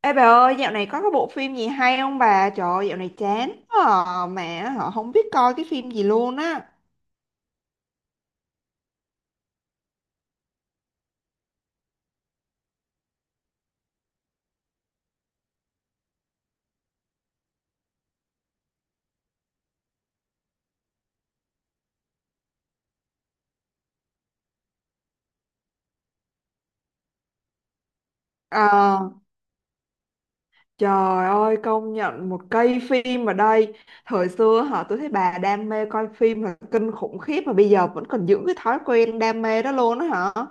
Ê bà ơi, dạo này có cái bộ phim gì hay không bà? Trời ơi, dạo này chán quá à, mẹ họ không biết coi cái phim gì luôn á. Ờ, trời ơi, công nhận một cây phim ở đây. Thời xưa họ tôi thấy bà đam mê coi phim là kinh khủng khiếp mà bây giờ vẫn còn giữ cái thói quen đam mê đó luôn á hả?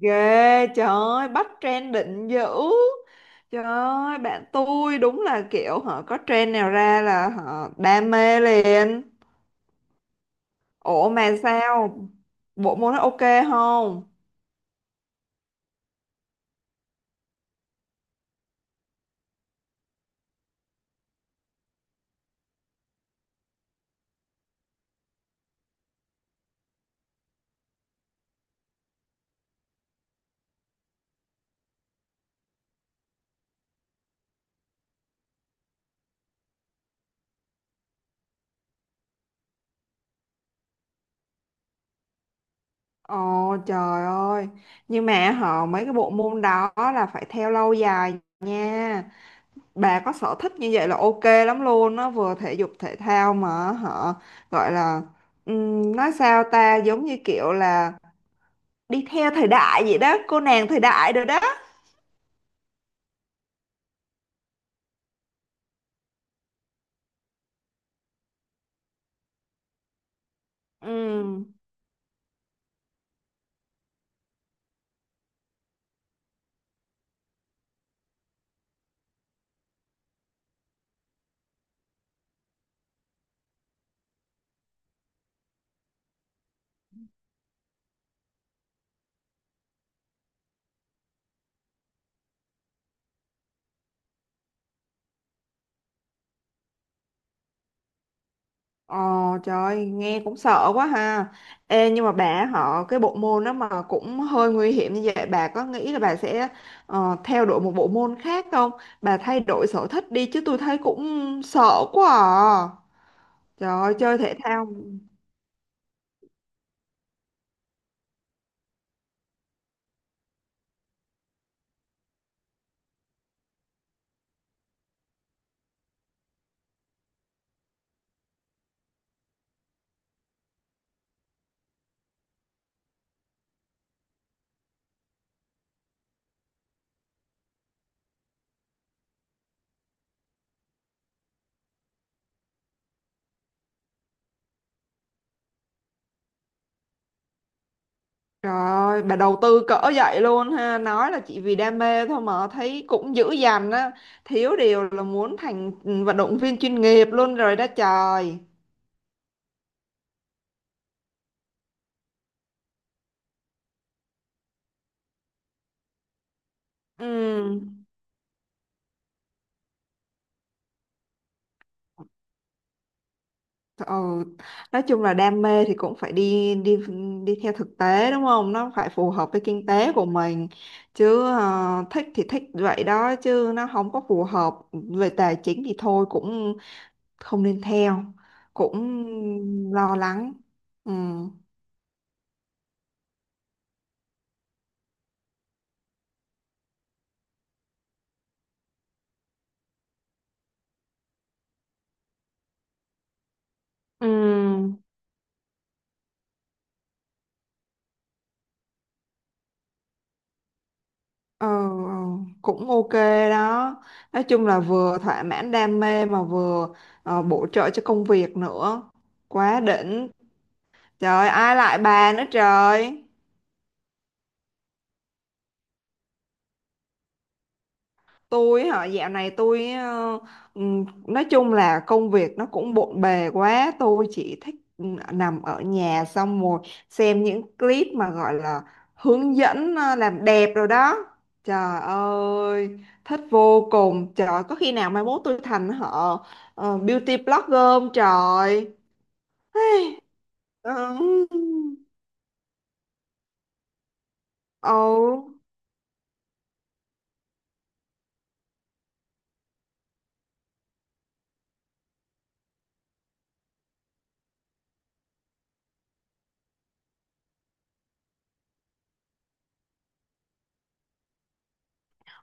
Ghê, trời ơi, bắt trend định dữ. Trời ơi, bạn tôi đúng là kiểu họ có trend nào ra là họ đam mê liền. Ủa mà sao? Bộ môn nó ok không? Ồ trời ơi. Nhưng mà họ mấy cái bộ môn đó là phải theo lâu dài nha. Bà có sở thích như vậy là ok lắm luôn. Nó vừa thể dục thể thao mà họ gọi là nói sao ta giống như kiểu là đi theo thời đại vậy đó, cô nàng thời đại rồi đó. Ừ. Ờ, trời nghe cũng sợ quá ha. Ê nhưng mà bà họ cái bộ môn đó mà cũng hơi nguy hiểm như vậy bà có nghĩ là bà sẽ theo đuổi một bộ môn khác không? Bà thay đổi sở thích đi chứ tôi thấy cũng sợ quá à. Trời ơi chơi thể thao. Trời ơi bà đầu tư cỡ vậy luôn ha, nói là chỉ vì đam mê thôi mà thấy cũng dữ dằn á, thiếu điều là muốn thành vận động viên chuyên nghiệp luôn rồi đó trời. Ừ. Ờ, nói chung là đam mê thì cũng phải đi đi đi theo thực tế đúng không? Nó phải phù hợp với kinh tế của mình chứ thích thì thích vậy đó chứ nó không có phù hợp về tài chính thì thôi cũng không nên theo cũng lo lắng. Ừ. Ừm, Ờ, ờ, Cũng ok đó. Nói chung là vừa thỏa mãn đam mê mà vừa bổ trợ cho công việc nữa. Quá đỉnh. Trời ai lại bà nữa trời. Tôi hả, dạo này tôi nói chung là công việc nó cũng bộn bề quá, tôi chỉ thích nằm ở nhà xong rồi xem những clip mà gọi là hướng dẫn làm đẹp rồi đó. Trời ơi, thích vô cùng. Trời, có khi nào mai mốt tôi thành họ beauty blogger không trời. Hey, ừm. Ồ.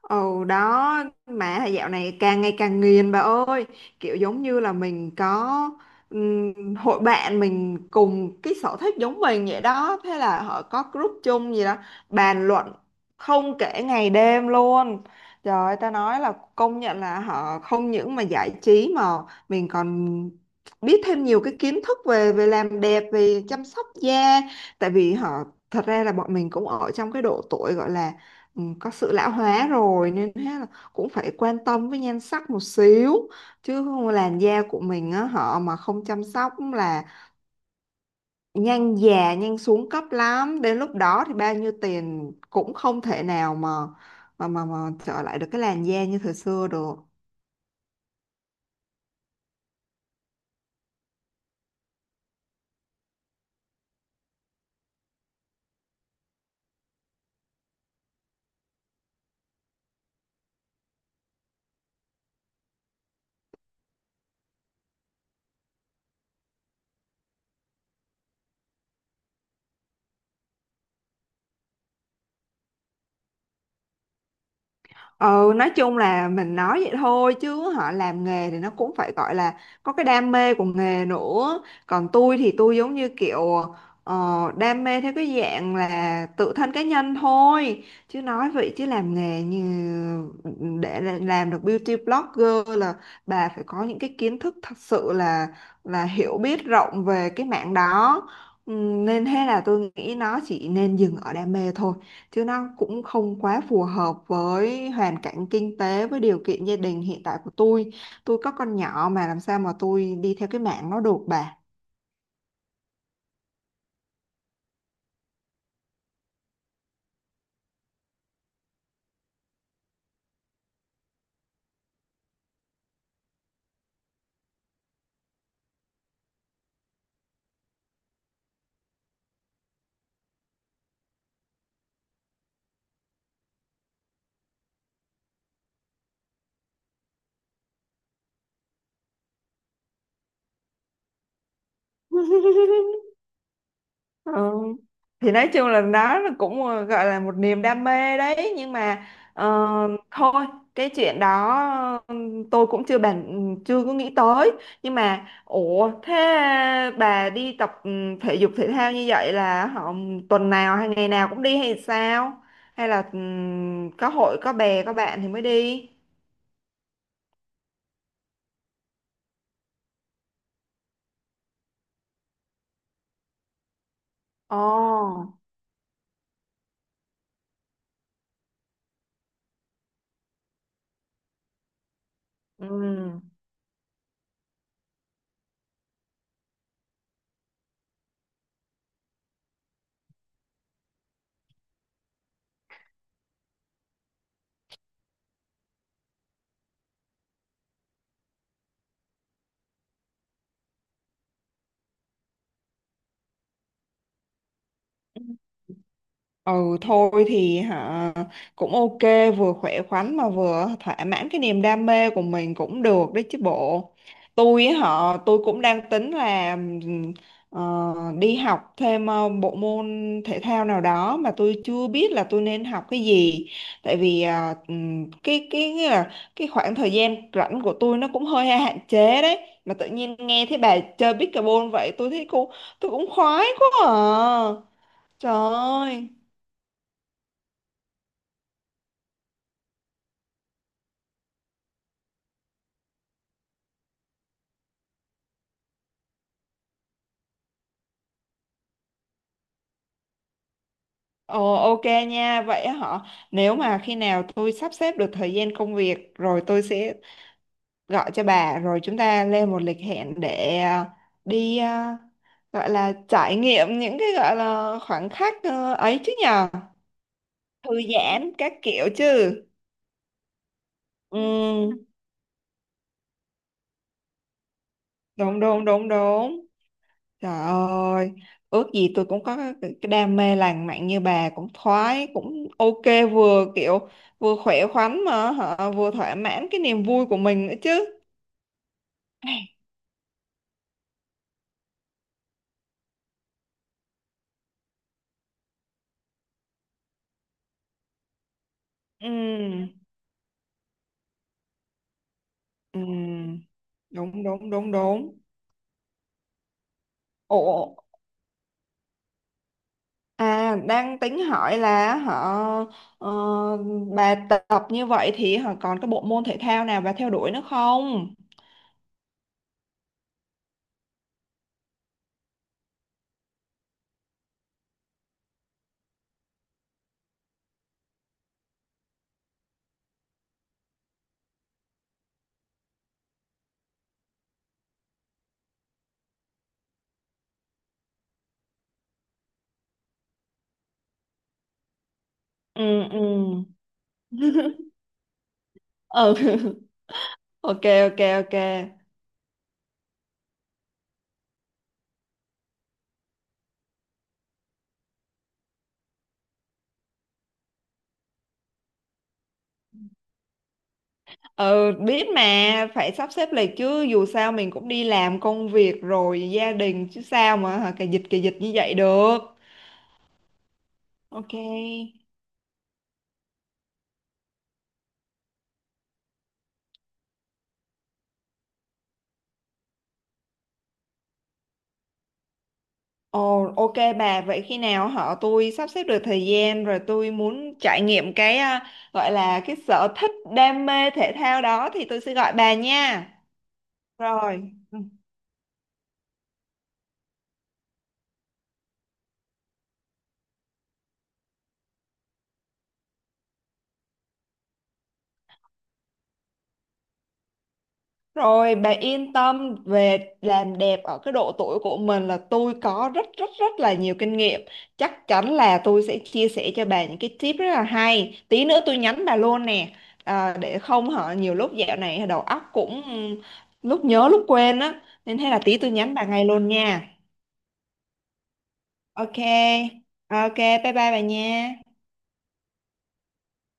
Ồ đó mà thời dạo này càng ngày càng nghiền bà ơi kiểu giống như là mình có hội bạn mình cùng cái sở thích giống mình vậy đó thế là họ có group chung gì đó bàn luận không kể ngày đêm luôn trời ơi, ta nói là công nhận là họ không những mà giải trí mà mình còn biết thêm nhiều cái kiến thức về về làm đẹp về chăm sóc da tại vì họ thật ra là bọn mình cũng ở trong cái độ tuổi gọi là có sự lão hóa rồi nên thế là cũng phải quan tâm với nhan sắc một xíu chứ không làn da của mình á họ mà không chăm sóc là nhanh già nhanh xuống cấp lắm đến lúc đó thì bao nhiêu tiền cũng không thể nào mà trở lại được cái làn da như thời xưa được. Ừ, nói chung là mình nói vậy thôi chứ họ làm nghề thì nó cũng phải gọi là có cái đam mê của nghề nữa. Còn tôi thì tôi giống như kiểu ờ, đam mê theo cái dạng là tự thân cá nhân thôi. Chứ nói vậy chứ làm nghề như làm được beauty blogger là bà phải có những cái kiến thức thật sự là hiểu biết rộng về cái mảng đó. Ừ, nên thế là tôi nghĩ nó chỉ nên dừng ở đam mê thôi chứ nó cũng không quá phù hợp với hoàn cảnh kinh tế với điều kiện gia đình hiện tại của tôi. Có con nhỏ mà làm sao mà tôi đi theo cái mạng nó được bà. Ừ. Thì nói chung là nó là cũng gọi là một niềm đam mê đấy nhưng mà ờ, thôi cái chuyện đó ừ, tôi cũng chưa bàn chưa có nghĩ tới nhưng mà ủa thế bà đi tập thể dục thể thao như vậy là họ tuần nào hay ngày nào cũng đi hay sao hay là có hội có bè có bạn thì mới đi. Ồ. Ừ. Ừ thôi thì hả cũng ok vừa khỏe khoắn mà vừa thỏa mãn cái niềm đam mê của mình cũng được đấy chứ bộ tôi họ tôi cũng đang tính là ờ, đi học thêm bộ môn thể thao nào đó mà tôi chưa biết là tôi nên học cái gì tại vì cái nghĩa là cái khoảng thời gian rảnh của tôi nó cũng hơi hạn chế đấy mà tự nhiên nghe thấy bà chơi pickleball vậy tôi thấy cô tôi cũng khoái quá à trời ơi. Ồ ok nha, vậy họ nếu mà khi nào tôi sắp xếp được thời gian công việc rồi tôi sẽ gọi cho bà rồi chúng ta lên một lịch hẹn để đi gọi là trải nghiệm những cái gọi là khoảnh khắc ấy chứ nhờ thư giãn các kiểu chứ. Ừ. Đúng đúng đúng đúng. Trời ơi, ước gì tôi cũng có cái đam mê lãng mạn như bà cũng thoái cũng ok vừa kiểu vừa khỏe khoắn mà hả, vừa thỏa mãn cái niềm vui của mình nữa chứ. Ai, ừ, ừ, đúng đúng đúng đúng. Ồ, à đang tính hỏi là họ ờ, bà tập như vậy thì họ còn cái bộ môn thể thao nào bà theo đuổi nữa không? Ừ ừ. Ừ ok ok ok. Ừ biết mà phải sắp xếp lịch chứ dù sao mình cũng đi làm công việc rồi gia đình chứ sao mà hả, cà dịch như vậy được. Ok. Ồ ok bà vậy khi nào họ tôi sắp xếp được thời gian rồi tôi muốn trải nghiệm cái gọi là cái sở thích đam mê thể thao đó thì tôi sẽ gọi bà nha. Rồi. Rồi bà yên tâm về làm đẹp ở cái độ tuổi của mình là tôi có rất rất rất là nhiều kinh nghiệm. Chắc chắn là tôi sẽ chia sẻ cho bà những cái tip rất là hay. Tí nữa tôi nhắn bà luôn nè. À, để không hả nhiều lúc dạo này đầu óc cũng lúc nhớ lúc quên á. Nên hay là tí tôi nhắn bà ngay luôn nha. Ok. Ok, bye bye bà nha.